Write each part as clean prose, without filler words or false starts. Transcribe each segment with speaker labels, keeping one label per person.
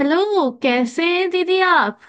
Speaker 1: Hello, कैसे हैं दीदी आप।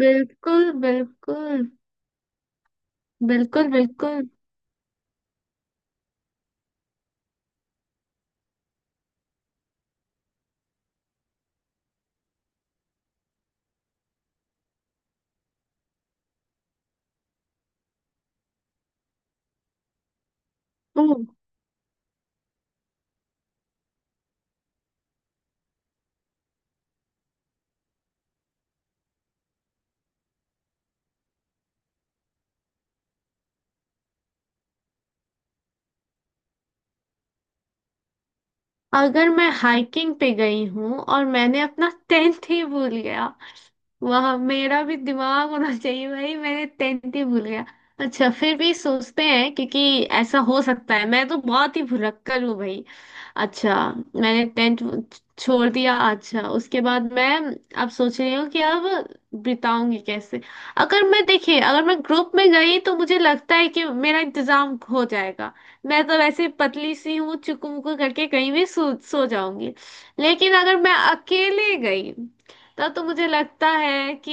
Speaker 1: बिल्कुल बिल्कुल। बिल्कुल बिल्कुल। ओ, अगर मैं हाइकिंग पे गई हूँ और मैंने अपना टेंट ही भूल गया, वहां मेरा भी दिमाग होना चाहिए भाई, मैंने टेंथ ही भूल गया। अच्छा, फिर भी सोचते हैं, क्योंकि ऐसा हो सकता है, मैं तो बहुत ही भुलक्कड़ हूँ भाई। अच्छा, मैंने टेंथ छोड़ दिया। अच्छा, उसके बाद मैं अब सोच रही हूँ कि अब बिताऊंगी कैसे। अगर मैं, देखिए, अगर मैं ग्रुप में गई तो मुझे लगता है कि मेरा इंतजाम हो जाएगा। मैं तो वैसे पतली सी हूँ, चुकू मुकू करके कहीं भी सो जाऊंगी। लेकिन अगर मैं अकेले गई, तब तो मुझे लगता है कि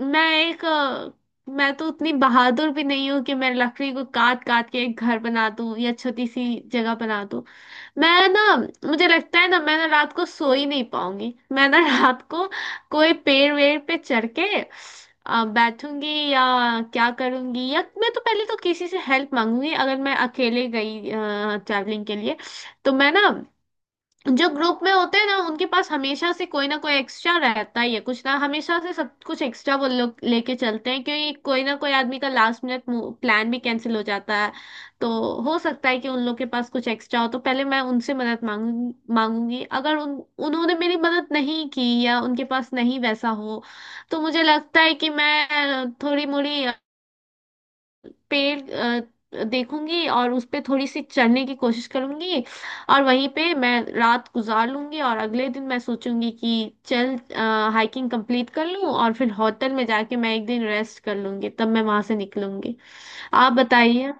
Speaker 1: मैं एक मैं तो उतनी बहादुर भी नहीं हूँ कि मैं लकड़ी को काट काट के एक घर बना दूँ या छोटी सी जगह बना दूँ। मैं ना, मुझे लगता है ना, मैं ना रात को सो ही नहीं पाऊंगी। मैं ना रात को कोई पेड़ वेड़ पे चढ़ के बैठूंगी या क्या करूंगी। या मैं तो पहले तो किसी से हेल्प मांगूंगी अगर मैं अकेले गई ट्रैवलिंग के लिए। तो मैं ना, जो ग्रुप में होते हैं ना, उनके पास हमेशा से कोई ना कोई एक्स्ट्रा रहता ही है, कुछ ना हमेशा से सब कुछ एक्स्ट्रा वो लोग लेके चलते हैं, क्योंकि कोई ना कोई आदमी का लास्ट मिनट प्लान भी कैंसिल हो जाता है। तो हो सकता है कि उन लोग के पास कुछ एक्स्ट्रा हो, तो पहले मैं उनसे मदद मांगूंगी मांगूंगी। अगर उन, उन्होंने मेरी मदद नहीं की या उनके पास नहीं वैसा हो, तो मुझे लगता है कि मैं थोड़ी मोड़ी पेड़ देखूंगी और उस पे थोड़ी सी चढ़ने की कोशिश करूंगी और वहीं पे मैं रात गुजार लूंगी। और अगले दिन मैं सोचूंगी कि चल हाइकिंग कंप्लीट कर लूं, और फिर होटल में जाके मैं एक दिन रेस्ट कर लूंगी, तब मैं वहां से निकलूंगी। आप बताइए।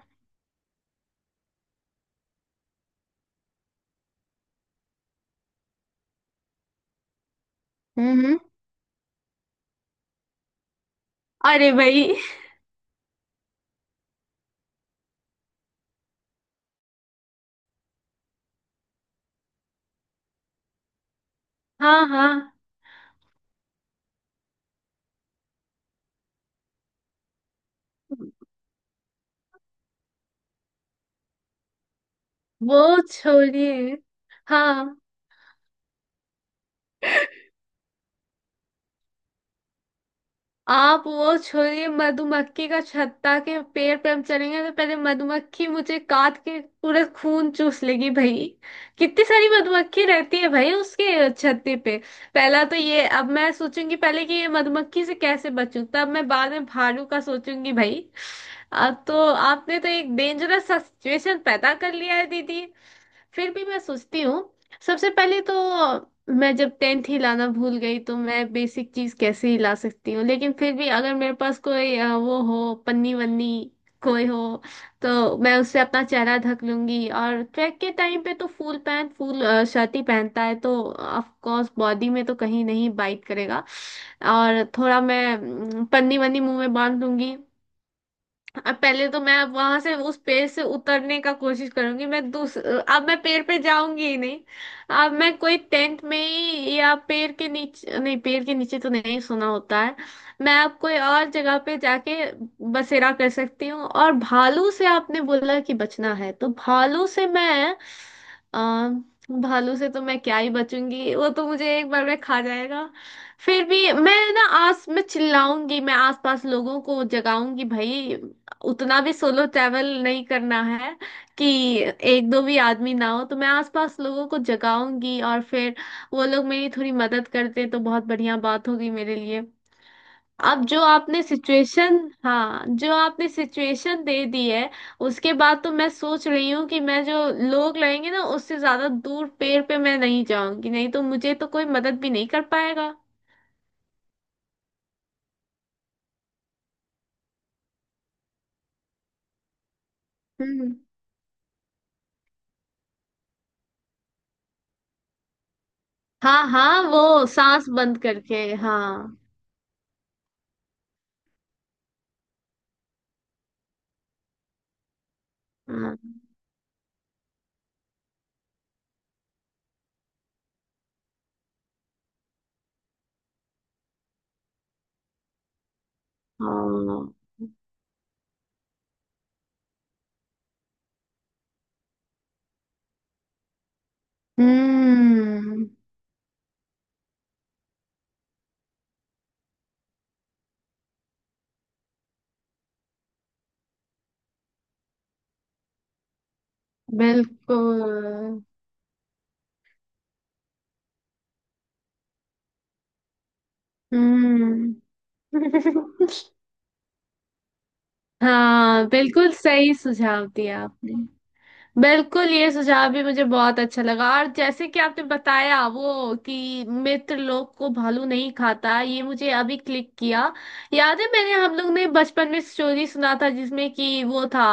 Speaker 1: हम्म। हम्म। अरे भाई हाँ हाँ। वो छोड़िए। हाँ, आप वो छोड़िए, मधुमक्खी का छत्ता के पेड़ पे हम चलेंगे तो पहले मधुमक्खी मुझे काट के पूरा खून चूस लेगी भाई। कितनी सारी मधुमक्खी रहती है भाई उसके छत्ते पे। पहला तो ये, अब मैं सोचूंगी पहले कि ये मधुमक्खी से कैसे बचूं, तब मैं बाद में भालू का सोचूंगी भाई। अब तो आपने तो एक डेंजरस सा सिचुएशन पैदा कर लिया है दीदी। फिर भी मैं सोचती हूँ। सबसे पहले तो, मैं जब टेंथ हिलाना भूल गई तो मैं बेसिक चीज कैसे हिला सकती हूँ। लेकिन फिर भी अगर मेरे पास कोई वो हो, पन्नी वन्नी कोई हो, तो मैं उससे अपना चेहरा ढक लूंगी। और ट्रैक के टाइम पे तो फुल पैंट फुल शर्ट ही पहनता है, तो ऑफ कोर्स बॉडी में तो कहीं नहीं बाइट करेगा। और थोड़ा मैं पन्नी वन्नी मुंह में बांध लूंगी। अब पहले तो मैं अब वहां से उस पेड़ से उतरने का कोशिश करूंगी। मैं दूस अब मैं पेड़ पे जाऊंगी ही नहीं। अब मैं कोई टेंट में ही, या पेड़ के नीचे नहीं, पेड़ के नीचे तो नहीं सोना होता है। मैं अब कोई और जगह पे जाके बसेरा कर सकती हूँ। और भालू से आपने बोला कि बचना है, तो भालू से मैं आ, भालू से तो मैं क्या ही बचूंगी, वो तो मुझे एक बार में खा जाएगा। फिर भी मैं ना आस मैं चिल्लाऊंगी, मैं आसपास लोगों को जगाऊंगी भाई। उतना भी सोलो ट्रैवल नहीं करना है कि एक दो भी आदमी ना हो, तो मैं आसपास लोगों को जगाऊंगी और फिर वो लोग मेरी थोड़ी मदद करते तो बहुत बढ़िया बात होगी मेरे लिए। अब जो आपने सिचुएशन, हाँ, जो आपने सिचुएशन दे दी है, उसके बाद तो मैं सोच रही हूँ कि मैं जो लोग लगेंगे ना, उससे ज्यादा दूर पेड़ पे मैं नहीं जाऊंगी, नहीं तो मुझे तो कोई मदद भी नहीं कर पाएगा। हम्म। हाँ हाँ, वो सांस बंद करके, हाँ। हाँ। हाँ। हम्म। बिल्कुल। हम्म। हाँ, बिल्कुल सही सुझाव दिया आपने। बिल्कुल, ये सुझाव भी मुझे बहुत अच्छा लगा। और जैसे कि आपने बताया वो कि मित्र लोग को भालू नहीं खाता, ये मुझे अभी क्लिक किया। याद है, मैंने, हम लोग ने बचपन में स्टोरी सुना था, जिसमें कि वो था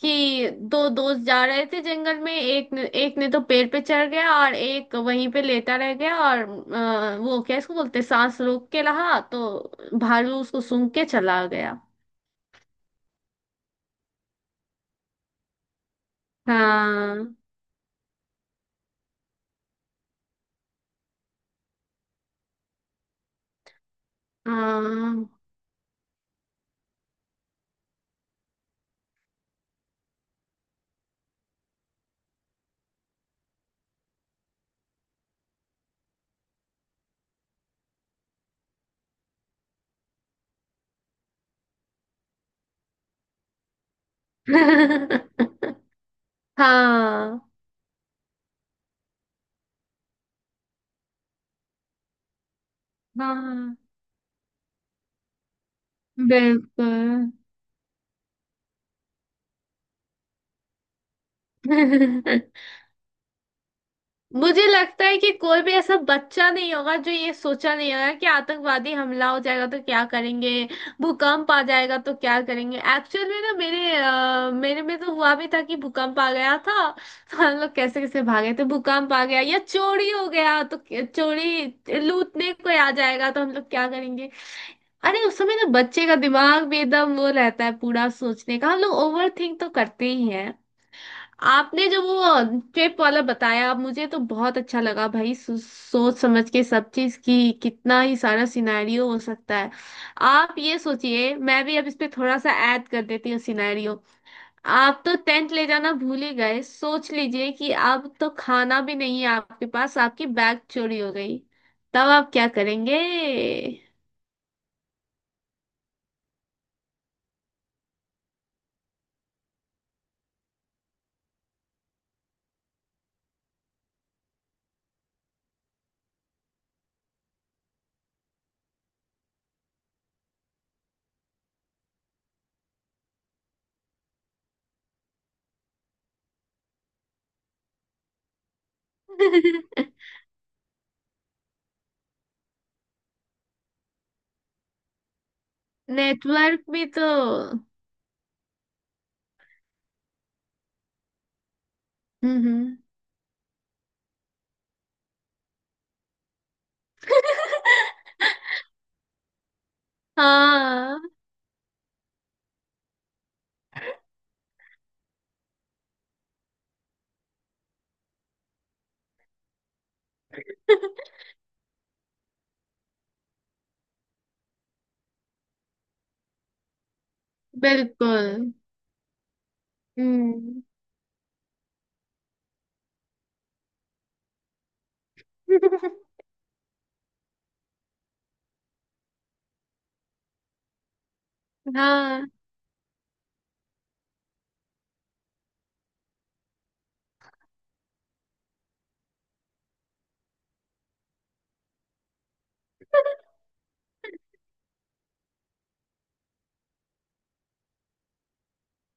Speaker 1: कि दो दोस्त जा रहे थे जंगल में। एक ने तो पेड़ पे चढ़ गया और एक वहीं पे लेटा रह गया। और वो क्या इसको बोलते हैं, सांस रोक के रहा, तो भालू उसको सूंघ के चला गया। हाँ हाँ। हाँ हाँ। बिल्कुल। मुझे लगता है कि कोई भी ऐसा बच्चा नहीं होगा जो ये सोचा नहीं होगा कि आतंकवादी हमला हो जाएगा तो क्या करेंगे, भूकंप आ जाएगा तो क्या करेंगे। एक्चुअल में ना, मेरे मेरे में तो हुआ भी था कि भूकंप आ गया था, तो हम लोग कैसे कैसे भागे थे। भूकंप आ गया, या चोरी हो गया तो चोरी लूटने कोई आ जाएगा तो हम लोग क्या करेंगे। अरे, उस समय ना बच्चे का दिमाग भी एकदम वो रहता है पूरा सोचने का, हम लोग ओवर थिंक तो करते ही हैं। आपने जो वो ट्रिप वाला बताया मुझे तो बहुत अच्छा लगा भाई। सोच समझ के सब चीज की कितना ही सारा सिनेरियो हो सकता है। आप ये सोचिए, मैं भी अब इस पे थोड़ा सा ऐड कर देती हूँ सिनेरियो। आप तो टेंट ले जाना भूल ही गए, सोच लीजिए कि अब तो खाना भी नहीं है आपके पास, आपकी बैग चोरी हो गई, तब आप क्या करेंगे। नेटवर्क भी तो। हम्म। हाँ बिल्कुल। हम्म। हाँ।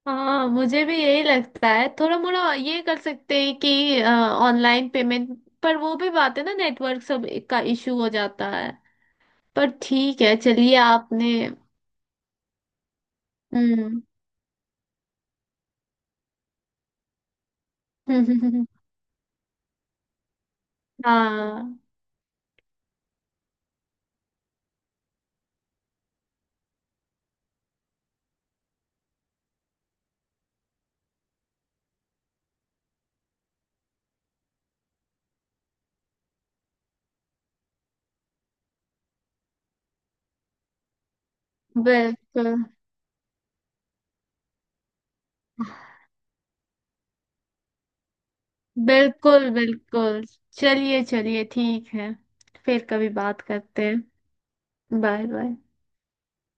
Speaker 1: हाँ, मुझे भी यही लगता है, थोड़ा मोड़ा ये कर सकते हैं कि ऑनलाइन पेमेंट, पर वो भी बात है ना, नेटवर्क सब का इशू हो जाता है। पर ठीक है, चलिए, आपने। हम्म। हाँ बिल्कुल। बिल्कुल बिल्कुल। चलिए चलिए, ठीक है, फिर कभी बात करते हैं। Bye bye.